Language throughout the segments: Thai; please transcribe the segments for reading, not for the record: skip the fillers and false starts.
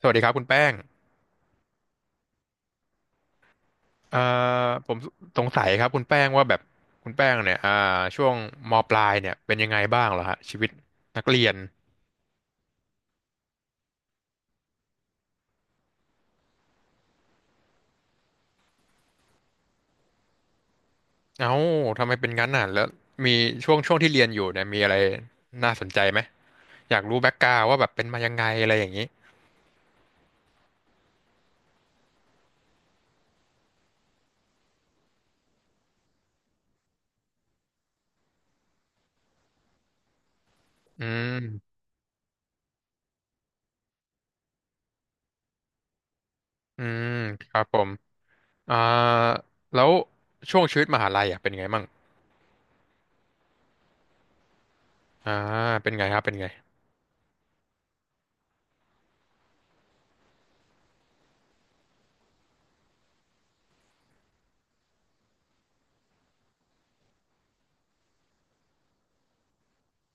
สวัสดีครับคุณแป้งเอ่อผมสงสัยครับคุณแป้งว่าแบบคุณแป้งเนี่ยช่วงมปลายเนี่ยเป็นยังไงบ้างเหรอฮะชีวิตนักเรียนเอ้าทำไมเป็นงั้นน่ะแล้วมีช่วงที่เรียนอยู่เนี่ยมีอะไรน่าสนใจไหมอยากรู้แบ็กกราวว่าแบบเป็นมายังไงอะไรอย่างนี้อืมอืมครับผมอ่าแล้วช่วงชีวิตมหาลัยอ่ะเป็นไงมั่งอ่าเป็นไงครับเป็นไง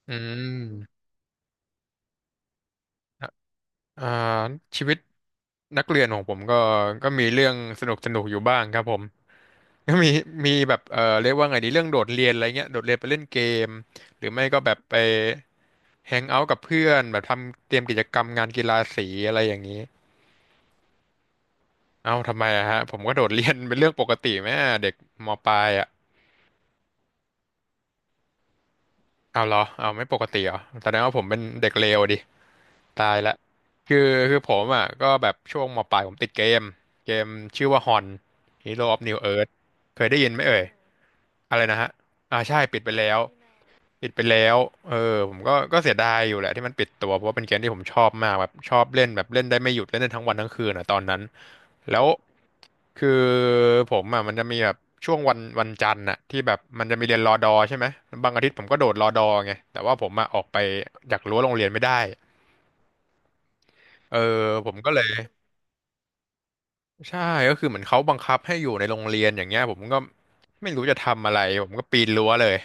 อืม อ่าชีวิตนักเรียนของผมก็มีเรื่องสนุกสนุกอยู่บ้างครับผม ก็มีแบบเรียกว่าไงดีเรื่องโดดเรียนอะไรเงี้ยโดดเรียนไปเล่นเกมหรือไม่ก็แบบไปแฮงเอาท์กับเพื่อนแบบทำเตรียมกิจกรรมงานกีฬาสีอะไรอย่างนี้เอ้าทำไมอะฮะผมก็โดดเรียนเป็นเรื่องปกติไหมอะเด็กมปลายอะเอาเหรอเอาไม่ปกติเหรอแสดงว่าผมเป็นเด็กเลวดิ ตายละคือคือผมอ่ะก็แบบช่วงมปลายผมติดเกมชื่อว่าฮอน Hero of New Earth เคยได้ยินไหมเอ่ยอะไรนะฮะ อ่าใช่ปิดไปแล้วปิดไปแล้วเออผมก็เสียดายอยู่แหละที่มันปิดตัวเพราะว่าเป็นเกมที่ผมชอบมากแบบชอบเล่นแบบเล่นได้ไม่หยุดเล่นได้ทั้งวันทั้งคืนอ่ะตอนนั้นแล้วคือผมอ่ะมันจะมีแบบช่วงวันจันทร์อ่ะที่แบบมันจะมีเรียนรอดอใช่ไหมบางอาทิตย์ผมก็โดดรอดอไงแต่ว่าผมอ่ะออกไปจากรั้วโรงเรียนไม่ได้เออผมก็เลย ใช่ก็คือเหมือนเขาบังคับให้อยู่ในโรงเรียนอย่างเงี้ยผมก็ไม่รู้จะทำอะไรผมก็ปีนรั้วเลย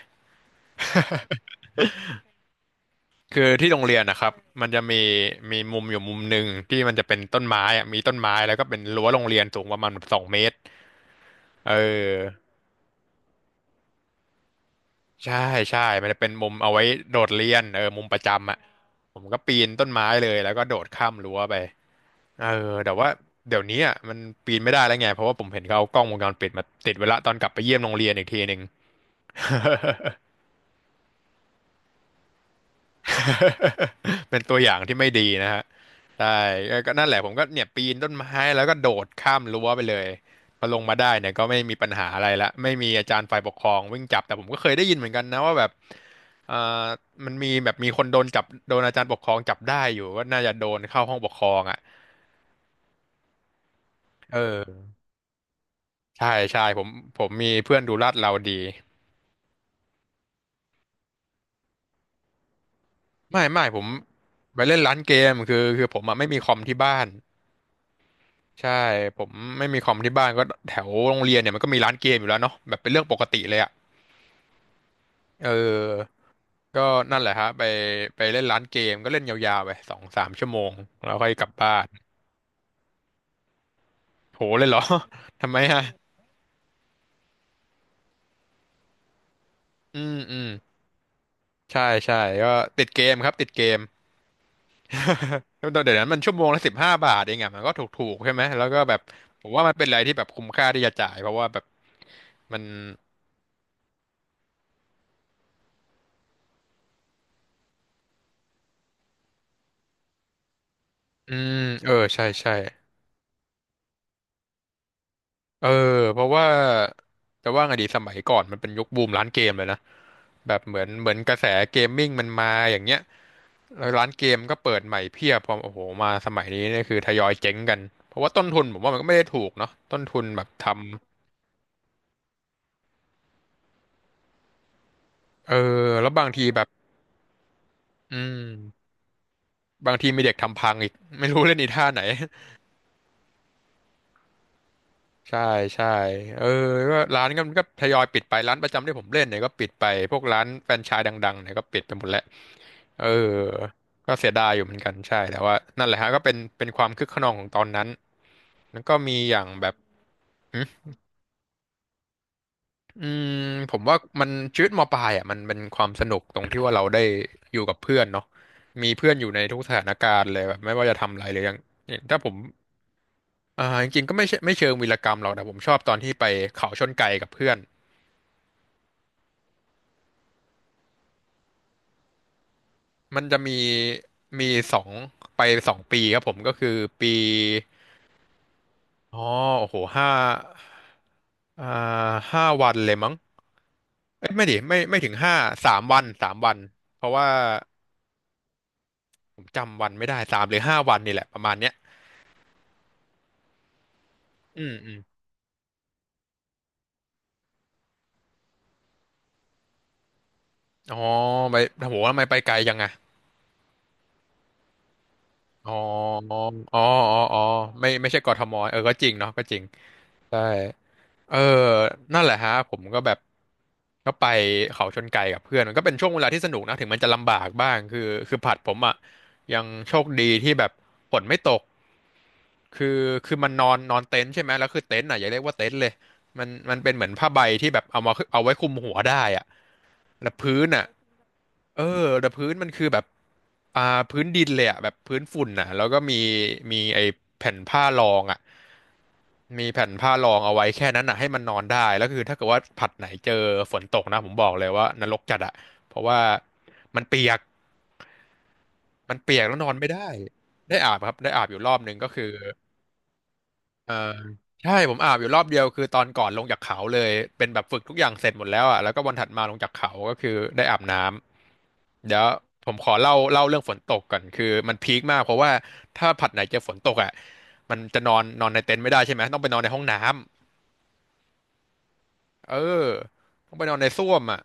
คือที่โรงเรียนนะครับมันจะมีมุมอยู่มุมหนึ่งที่มันจะเป็นต้นไม้อะมีต้นไม้แล้วก็เป็นรั้วโรงเรียนสูงประมาณแบบ2 เมตรเออใช่ใช่มันจะเป็นมุมเอาไว้โดดเรียนเออมุมประจำอ่ะผมก็ปีนต้นไม้เลยแล้วก็โดดข้ามรั้วไปเออแต่ว่าเดี๋ยวนี้อ่ะมันปีนไม่ได้แล้วไงเพราะว่าผมเห็นเขาเอากล้องวงจรปิดมาติดไว้ละตอนกลับไปเยี่ยมโรงเรียนอีกทีหนึ่ง เป็นตัวอย่างที่ไม่ดีนะฮะใช่ก็นั่นแหละผมก็เนี่ยปีนต้นไม้แล้วก็โดดข้ามรั้วไปเลยพอลงมาได้เนี่ยก็ไม่มีปัญหาอะไรละไม่มีอาจารย์ฝ่ายปกครองวิ่งจับแต่ผมก็เคยได้ยินเหมือนกันนะว่าแบบเอ่อมันมีแบบมีคนโดนจับโดนอาจารย์ปกครองจับได้อยู่ก็น่าจะโดนเข้าห้องปกครองอ่ะเออใช่ใช่ผมมีเพื่อนดูลาดเราดีไม่ไม่ผมไปเล่นร้านเกมคือผมอ่ะไม่มีคอมที่บ้าน ใช่ผมไม่มีคอมที่บ้านก็แถวโรงเรียนเนี่ยมันก็มีร้านเกมอยู่แล้วเนาะแบบเป็นเรื่องปกติเลยอ่ะเออก็นั่นแหละฮะไปเล่นร้านเกมก็เล่นยาวๆไปสองสามชั่วโมงแล้วค่อยกลับบ้านโหเลยเหรอ ทำไมฮะอืมอืมใช่ใช่ก็ติดเกมครับติดเกม เดี๋ยวนั้นมันชั่วโมงละ15 บาทเองอ่ะมันก็ถูกๆใช่ไหมแล้วก็แบบผมว่ามันเป็นอะไรที่แบบคุ้มค่าที่จะจ่ายเพราะว่าแบบมันอืมเออใช่ใช่ เออเพราะว่าจะว่าไงดีสมัยก่อนมันเป็นยุคบูมร้านเกมเลยนะแบบเหมือนกระแสเกมมิ่งมันมาอย่างเงี้ยแล้วร้านเกมก็เปิดใหม่เพียบพอโอ้โหมาสมัยนี้เนี่ยคือทยอยเจ๊งกันเพราะว่าต้นทุนผมว่ามันก็ไม่ได้ถูกเนาะต้นทุนแบบทำเออแล้วบางทีแบบอืมบางทีมีเด็กทำพังอีกไม่รู้เล่นอีท่าไหน ใช่ใช่เออก็ร้านก็มันก็ทยอยปิดไปร้านประจำที่ผมเล่นเนี่ยก็ปิดไปพวกร้านแฟรนไชส์ดังๆเนี่ยก็ปิดไปหมดแล้วเออก็เสียดายอยู่เหมือนกันใช่แต่ว่านั่นแหละฮะก็เป็นความคึกคะนองของตอนนั้นแล้วก็มีอย่างแบบอืมอืมผมว่ามันชีวิตมปลายอ่ะมันเป็นความสนุกตรงที่ว่าเราได้อยู่กับเพื่อนเนาะมีเพื่อนอยู่ในทุกสถานการณ์เลยแบบไม่ว่าจะทำอะไรเลยอย่างถ้าผมจริงๆก็ไม่ใช่ไม่เชิงวีรกรรมหรอกแต่ผมชอบตอนที่ไปเขาชนไก่กับเพื่อน มันจะมีมีสองไปสองปีครับผมก็คือปีอ๋อโอ้โหห้าอ่าห้าวันเลยมั้งเอ้ยไม่ดิไม่ถึงห้าสามวันเพราะว่าผมจำวันไม่ได้สามหรือห้าวันนี่แหละประมาณเนี้ยอืมอืมอ๋อไปโอ้โหทำไมไปไกลจังอะ อ๋ออ๋อ อ๋อ อ๋อ ไม่ใช่กทมเออก็จริงเนาะก็จริงใช่เออนั่นแหละฮะผมก็แบบก็ไปเขาชนไก่กับเพื่อนมันก็เป็นช่วงเวลาที่สนุกนะถึงมันจะลำบากบ้างคือผัดผมอ่ะยังโชคดีที่แบบฝนไม่ตกคือคือมันนอนนอนเต็นท์ใช่ไหมแล้วคือเต็นท์อ่ะอย่าเรียกว่าเต็นท์เลย มันเป็นเหมือนผ้าใบที่แบบเอามาเอาไว้คลุมหัวได้อ่ะแล้วพื้นอ่ะเออแต่พื้นมันคือแบบอ่าพื้นดินเลยอ่ะแบบพื้นฝุ่นอ่ะแล้วก็มีมีไอ้แผ่นผ้ารองอ่ะมีแผ่นผ้ารองเอาไว้แค่นั้นอ่ะให้มันนอนได้ แล้วคือถ้าเกิดว่าผัดไหนเจอฝนตกนะผมบอกเลยว่านรกจัดอะเพราะว่ามันเปียกมันเปียกแล้วนอนไม่ได้ ได้อาบครับได้อาบอยู่รอบนึงก็คือ เออใช่ผมอาบอยู่รอบเดียวคือตอนก่อนลงจากเขาเลยเป็นแบบฝึกทุกอย่างเสร็จหมดแล้วอ่ะแล้วก็วันถัดมาลงจากเขาก็คือได้อาบน้ำเดี๋ยวผมขอเล่าเรื่องฝนตกก่อนคือมันพีคมากเพราะว่าถ้าผัดไหนเจอฝนตกอ่ะมันจะนอนนอนในเต็นท์ไม่ได้ใช่ไหมต้องไปนอนในห้องน้ำเออต้องไปนอนในส้วมอ่ะ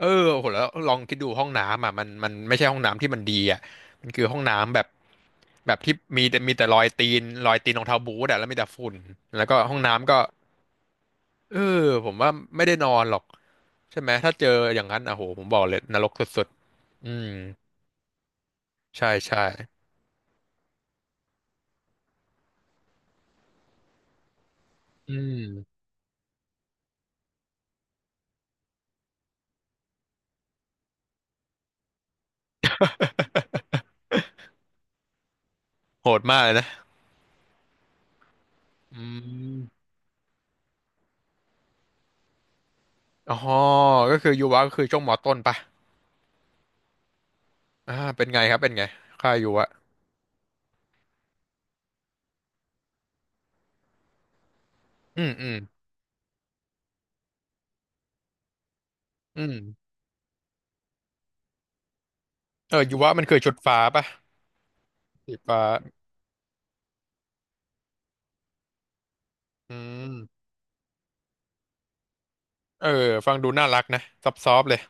เออโหแล้วลองคิดดูห้องน้ำอ่ะมันไม่ใช่ห้องน้ำที่มันดีอ่ะมันคือห้องน้ำแบบแบบที่มีแต่รอยตีนรองเท้าบู๊ตอ่ะแล้วมีแต่ฝุ่นแล้วก็ห้องน้ำก็ เออผมว่าไม่ได้นอนหรอกใช่ไหมถ้าเจออย่างนั้นอ่ะโหผมบอกเลยนรกสุดๆอืมใช่ใช่อืมโหดมากเลยนะอืมอ๋อก็คือยูวะก็คือช่วงมอต้นปะเป็นไงครับเป็นไงค่ายยูวะอืมอืมอืมเออยูวะมันคือชุดฟ้าปะสีฟ้าอืมเออฟังดูน่ารักนะซอฟๆเลย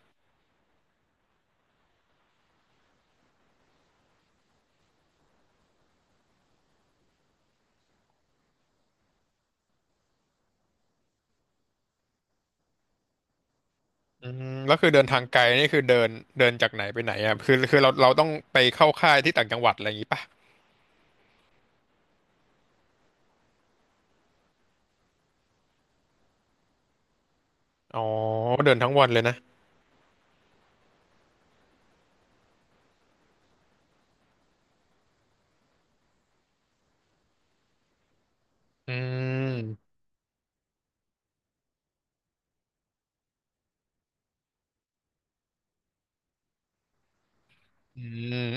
อืมแล้วคือเดินทางไกลนี่คือเดินเดินจากไหนไปไหนอ่ะคือเราต้องไปเข้าค่ายที่ต่างจังหวัดอะไรอย่างงี้ปะ อ๋อเดินทั้งวันเลยนะ อืมอืม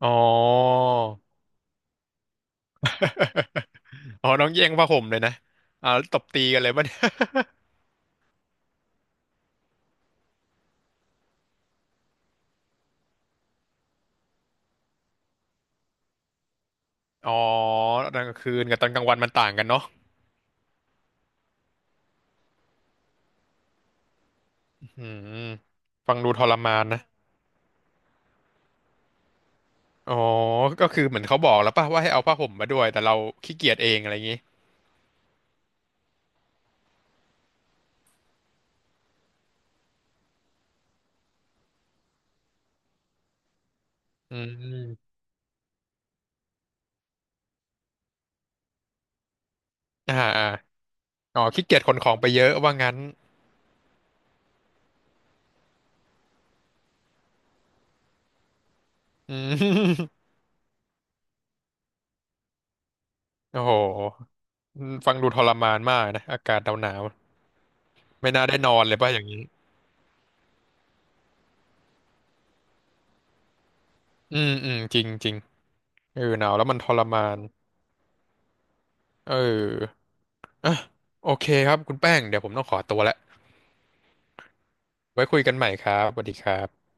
อ๋ออ๋อน้องแย่งผ้าห่มเลยนะแล้วตบตีกันเลยป่ะเนี่ยอ๋อตอนกลางคืนกับตอนกลางวันมันต่างกันเนาะอืมฟังดูทรมานนะอ๋อก็คือเหมือนเขาบอกแล้วป่ะว่าให้เอาผ้าห่มมาด้วยแต่เราขี้เกียจเองอะไรอย่างงี้อืมอ่าอาอ๋อขี้เกียจขนของไปเยอะว่างั้นอืมโอ้โหอฟังดูทรมานมากนะอากาศหนาวๆไม่น่าได้นอนเลยป่ะอย่างนี้ อืมอืมจริงจริงเออหนาวแล้วมันทรมานเอออ่ะโอเคครับคุณแป้งเดี๋ยวผมต้องขอตัวแล้วไว้คุยกันใหม่ครับสวัสดีครับ